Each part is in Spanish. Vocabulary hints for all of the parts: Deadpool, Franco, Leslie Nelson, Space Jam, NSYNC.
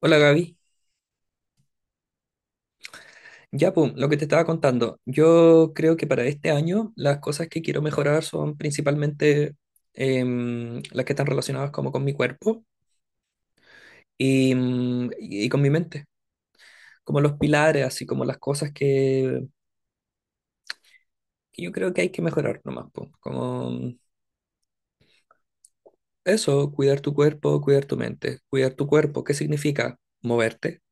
Hola Gaby. Ya, pum, lo que te estaba contando. Yo creo que para este año las cosas que quiero mejorar son principalmente las que están relacionadas como con mi cuerpo y, y con mi mente, como los pilares, así como las cosas que yo creo que hay que mejorar nomás, pum. Como eso, cuidar tu cuerpo, cuidar tu mente. Cuidar tu cuerpo, ¿qué significa? Moverte,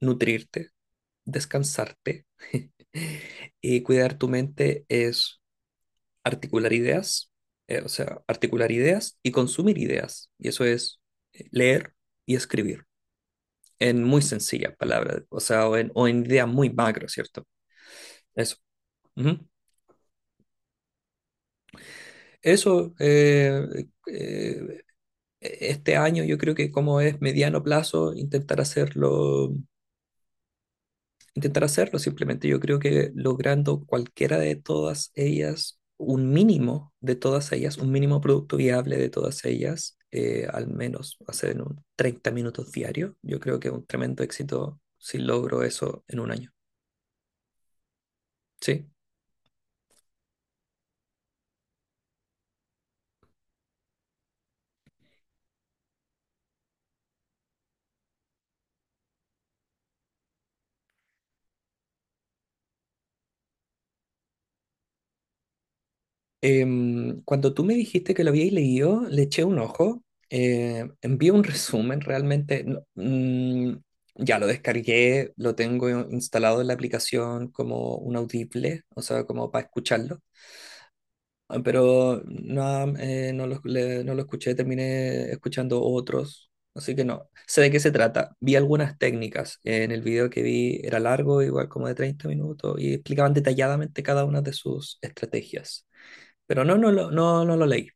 nutrirte, descansarte. Y cuidar tu mente es articular ideas, o sea, articular ideas y consumir ideas. Y eso es leer y escribir, en muy sencillas palabras, o sea, o en ideas muy macro, ¿cierto? Eso. Ujú. Eso, eh, eh, este año yo creo que como es mediano plazo, intentar hacerlo. Simplemente yo creo que logrando cualquiera de todas ellas, un mínimo de todas ellas, un mínimo producto viable de todas ellas, al menos hacer en un 30 minutos diario, yo creo que es un tremendo éxito si logro eso en 1 año. Sí. Cuando tú me dijiste que lo habíais leído, le eché un ojo, envié un resumen, realmente no- mm, ya lo descargué, lo tengo instalado en la aplicación como un audible, o sea, como para escucharlo. Ah, pero no, no lo escuché, terminé escuchando otros, así que no. Sé de qué se trata. Vi algunas técnicas. En el video que vi era largo, igual como de 30 minutos, y explicaban detalladamente cada una de sus estrategias. Pero no lo leí.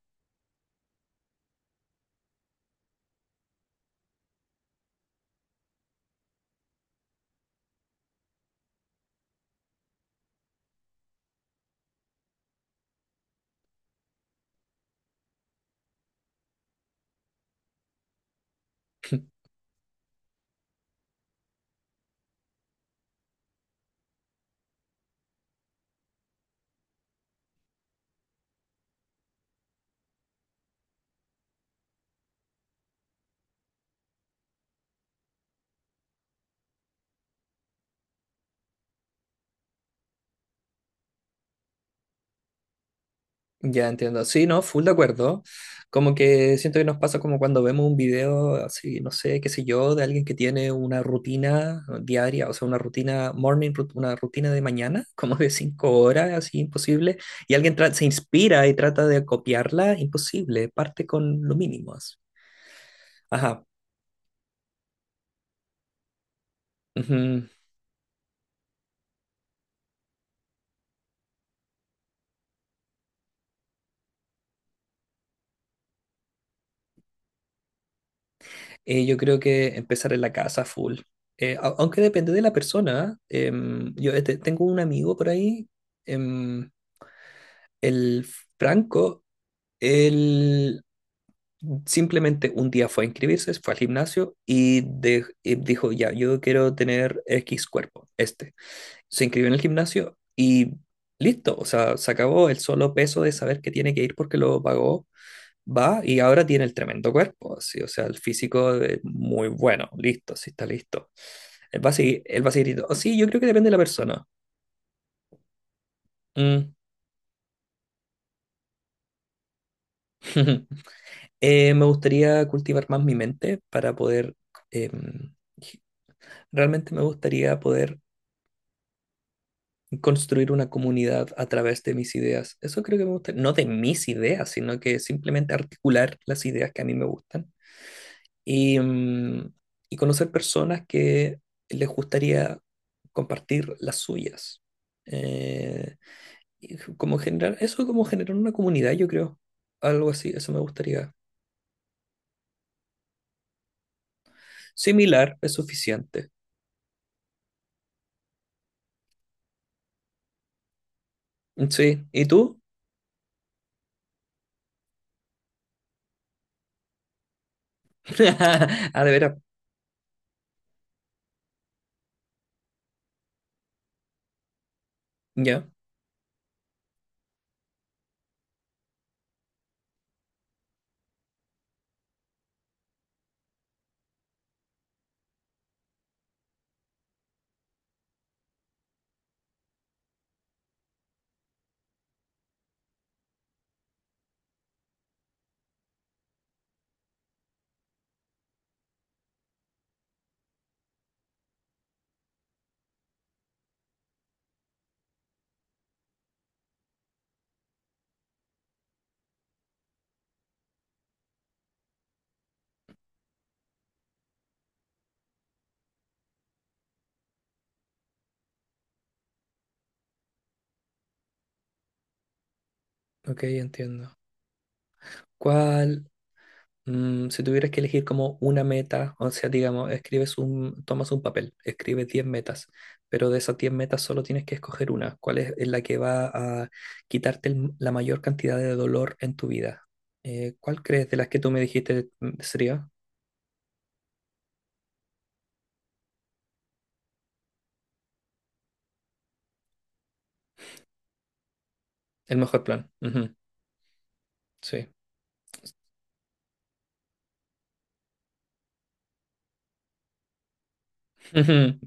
Ya entiendo. Sí, no, full de acuerdo. Como que siento que nos pasa como cuando vemos un video así, no sé, qué sé yo, de alguien que tiene una rutina diaria, o sea, una rutina morning, una rutina de mañana, como de 5 horas, así imposible, y alguien se inspira y trata de copiarla, imposible, parte con lo mínimo. Así. Ajá. Ujú. Yo creo que empezar en la casa full. Aunque depende de la persona. Tengo un amigo por ahí. em, el Franco. Él simplemente un día fue a inscribirse, fue al gimnasio y dijo, ya, yo quiero tener X cuerpo, este. Se inscribió en el gimnasio y listo, o sea, se acabó el solo peso de saber que tiene que ir porque lo pagó, va y ahora tiene el tremendo cuerpo, así, o sea, el físico es muy bueno, listo, sí está listo. Él va a seguir yendo. Oh, sí, yo creo que depende de la persona. Mm. Me gustaría cultivar más mi mente para poder... em, Realmente me gustaría poder construir una comunidad a través de mis ideas. Eso creo que me gusta, no de mis ideas, sino que simplemente articular las ideas que a mí me gustan y, mm, y conocer personas que les gustaría compartir las suyas. Eh, y como generar, eso como generar una comunidad, yo creo. Algo así, eso me gustaría. Similar es suficiente. Sí, ¿y tú? Ah, de veras. Ya, ok, entiendo. ¿Cuál si tuvieras que elegir como una meta, o sea, digamos, tomas un papel, escribes 10 metas, pero de esas 10 metas solo tienes que escoger una? ¿Cuál es la que va a la mayor cantidad de dolor en tu vida? ¿Cuál crees de las que tú me dijiste sería el mejor plan? Ujú, sí. Ujú.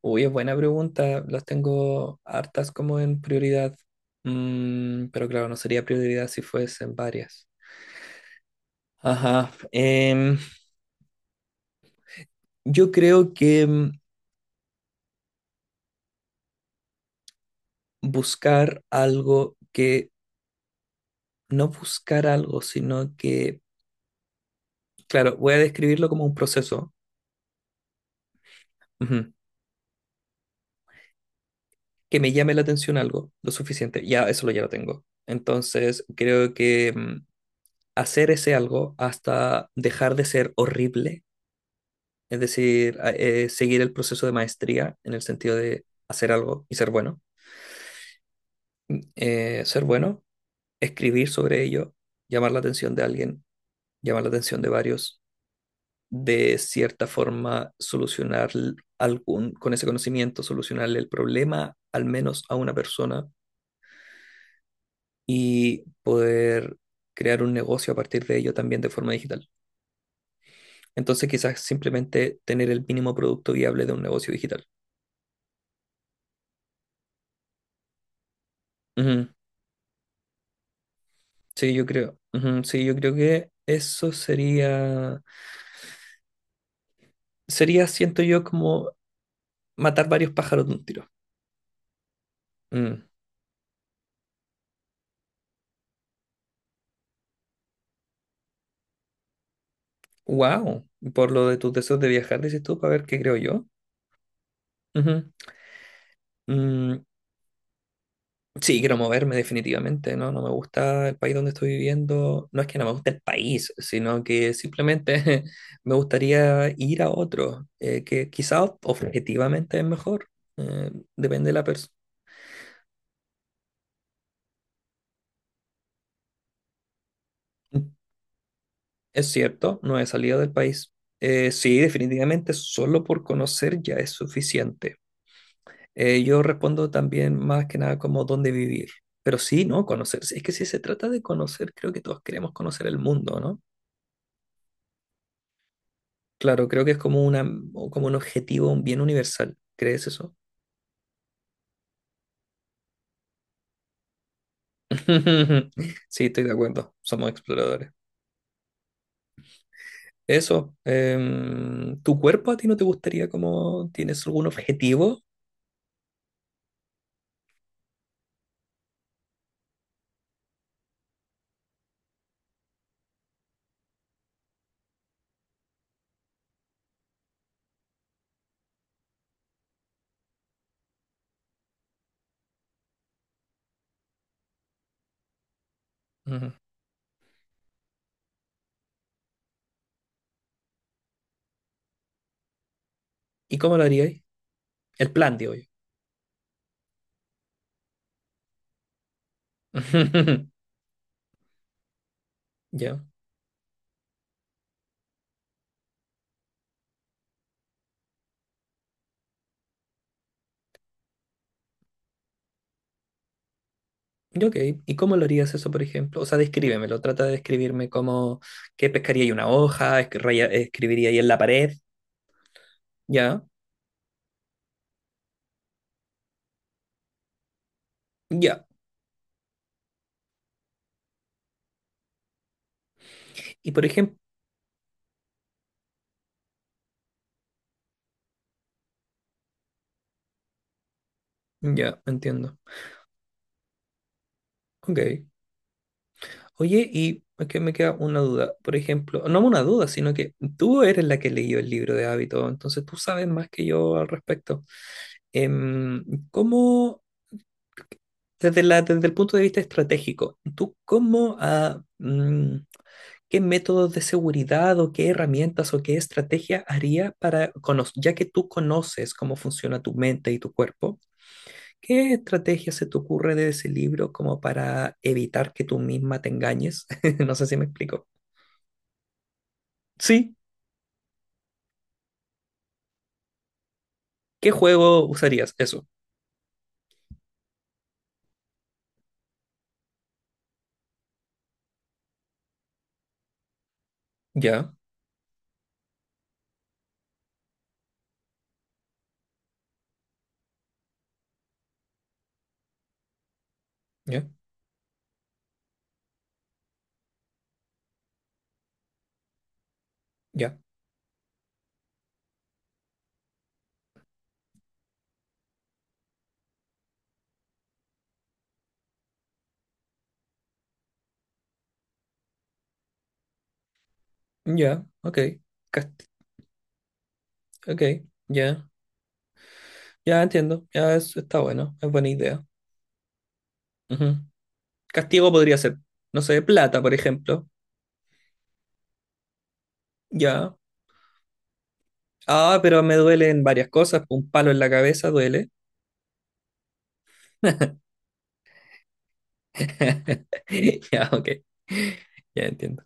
Uy, es buena pregunta. Las tengo hartas como en prioridad. Mm, pero claro, no sería prioridad si fuesen varias. Ajá. Yo creo que buscar algo que, no buscar algo, sino que, claro, voy a describirlo como un proceso, ujú, que me llame la atención algo, lo suficiente, ya lo tengo. Entonces, creo que hacer ese algo hasta dejar de ser horrible, es decir, seguir el proceso de maestría en el sentido de hacer algo y ser bueno. Ser bueno, escribir sobre ello, llamar la atención de alguien, llamar la atención de varios, de cierta forma solucionar con ese conocimiento, solucionarle el problema al menos a una persona y poder crear un negocio a partir de ello también de forma digital. Entonces quizás simplemente tener el mínimo producto viable de un negocio digital. Ujú, sí, yo creo. Ujú, sí, yo creo que sería, siento yo, como matar varios pájaros de un tiro. Wow, por lo de tus deseos de viajar, dices tú, para ver qué creo yo. Ujú. Mm, sí, quiero moverme definitivamente, ¿no? No me gusta el país donde estoy viviendo. No es que no me guste el país, sino que simplemente me gustaría ir a otro, que quizás objetivamente es mejor. eh, Depende de la persona. Es cierto, no he salido del país. Sí, definitivamente solo por conocer ya es suficiente. Yo respondo también más que nada como dónde vivir. Pero sí, ¿no? Conocer. Es que si se trata de conocer, creo que todos queremos conocer el mundo, ¿no? Claro, creo que es como una, o como un objetivo bien universal. ¿Crees eso? Sí, estoy de acuerdo. Somos exploradores. Eso, ¿tu cuerpo a ti no te gustaría, como, tienes algún objetivo? Ujú. ¿Y cómo lo harías? El plan, digo yo. Ya. Ya, ok. ¿Y cómo lo harías eso, por ejemplo? O sea, descríbemelo. Trata de describirme como que pescaría ahí una hoja, escribiría ahí en la pared. Ya. Ya. Y por ejemplo, ya, entiendo. Ok. Oye, y es que me queda una duda, por ejemplo, no una duda, sino que tú eres la que leyó el libro de hábito, entonces tú sabes más que yo al respecto. Em, ¿Cómo, desde el punto de vista estratégico, tú qué métodos de seguridad o qué herramientas o qué estrategia haría para, ya que tú conoces cómo funciona tu mente y tu cuerpo, qué estrategia se te ocurre de ese libro como para evitar que tú misma te engañes? No sé si me explico. Sí, ¿qué juego usarías? Eso. Ya, ya, ya, ya, ok. Cast- ok, ya, ya entiendo. Está bueno, es buena idea. Ujú. Castigo podría ser, no sé, plata, por ejemplo. Ya. Ah, pero me duelen varias cosas. Un palo en la cabeza duele. Ya, ok. Ya entiendo.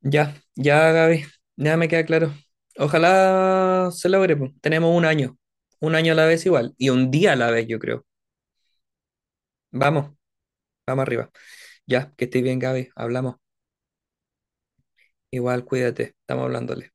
Ya, ya, Gaby. Ya me queda claro. Ojalá se logre, po. Tenemos 1 año. 1 año a la vez igual. Y un día a la vez, yo creo. Vamos. Vamos arriba. Ya, que estés bien, Gaby. Hablamos. Igual, cuídate. Estamos hablándole.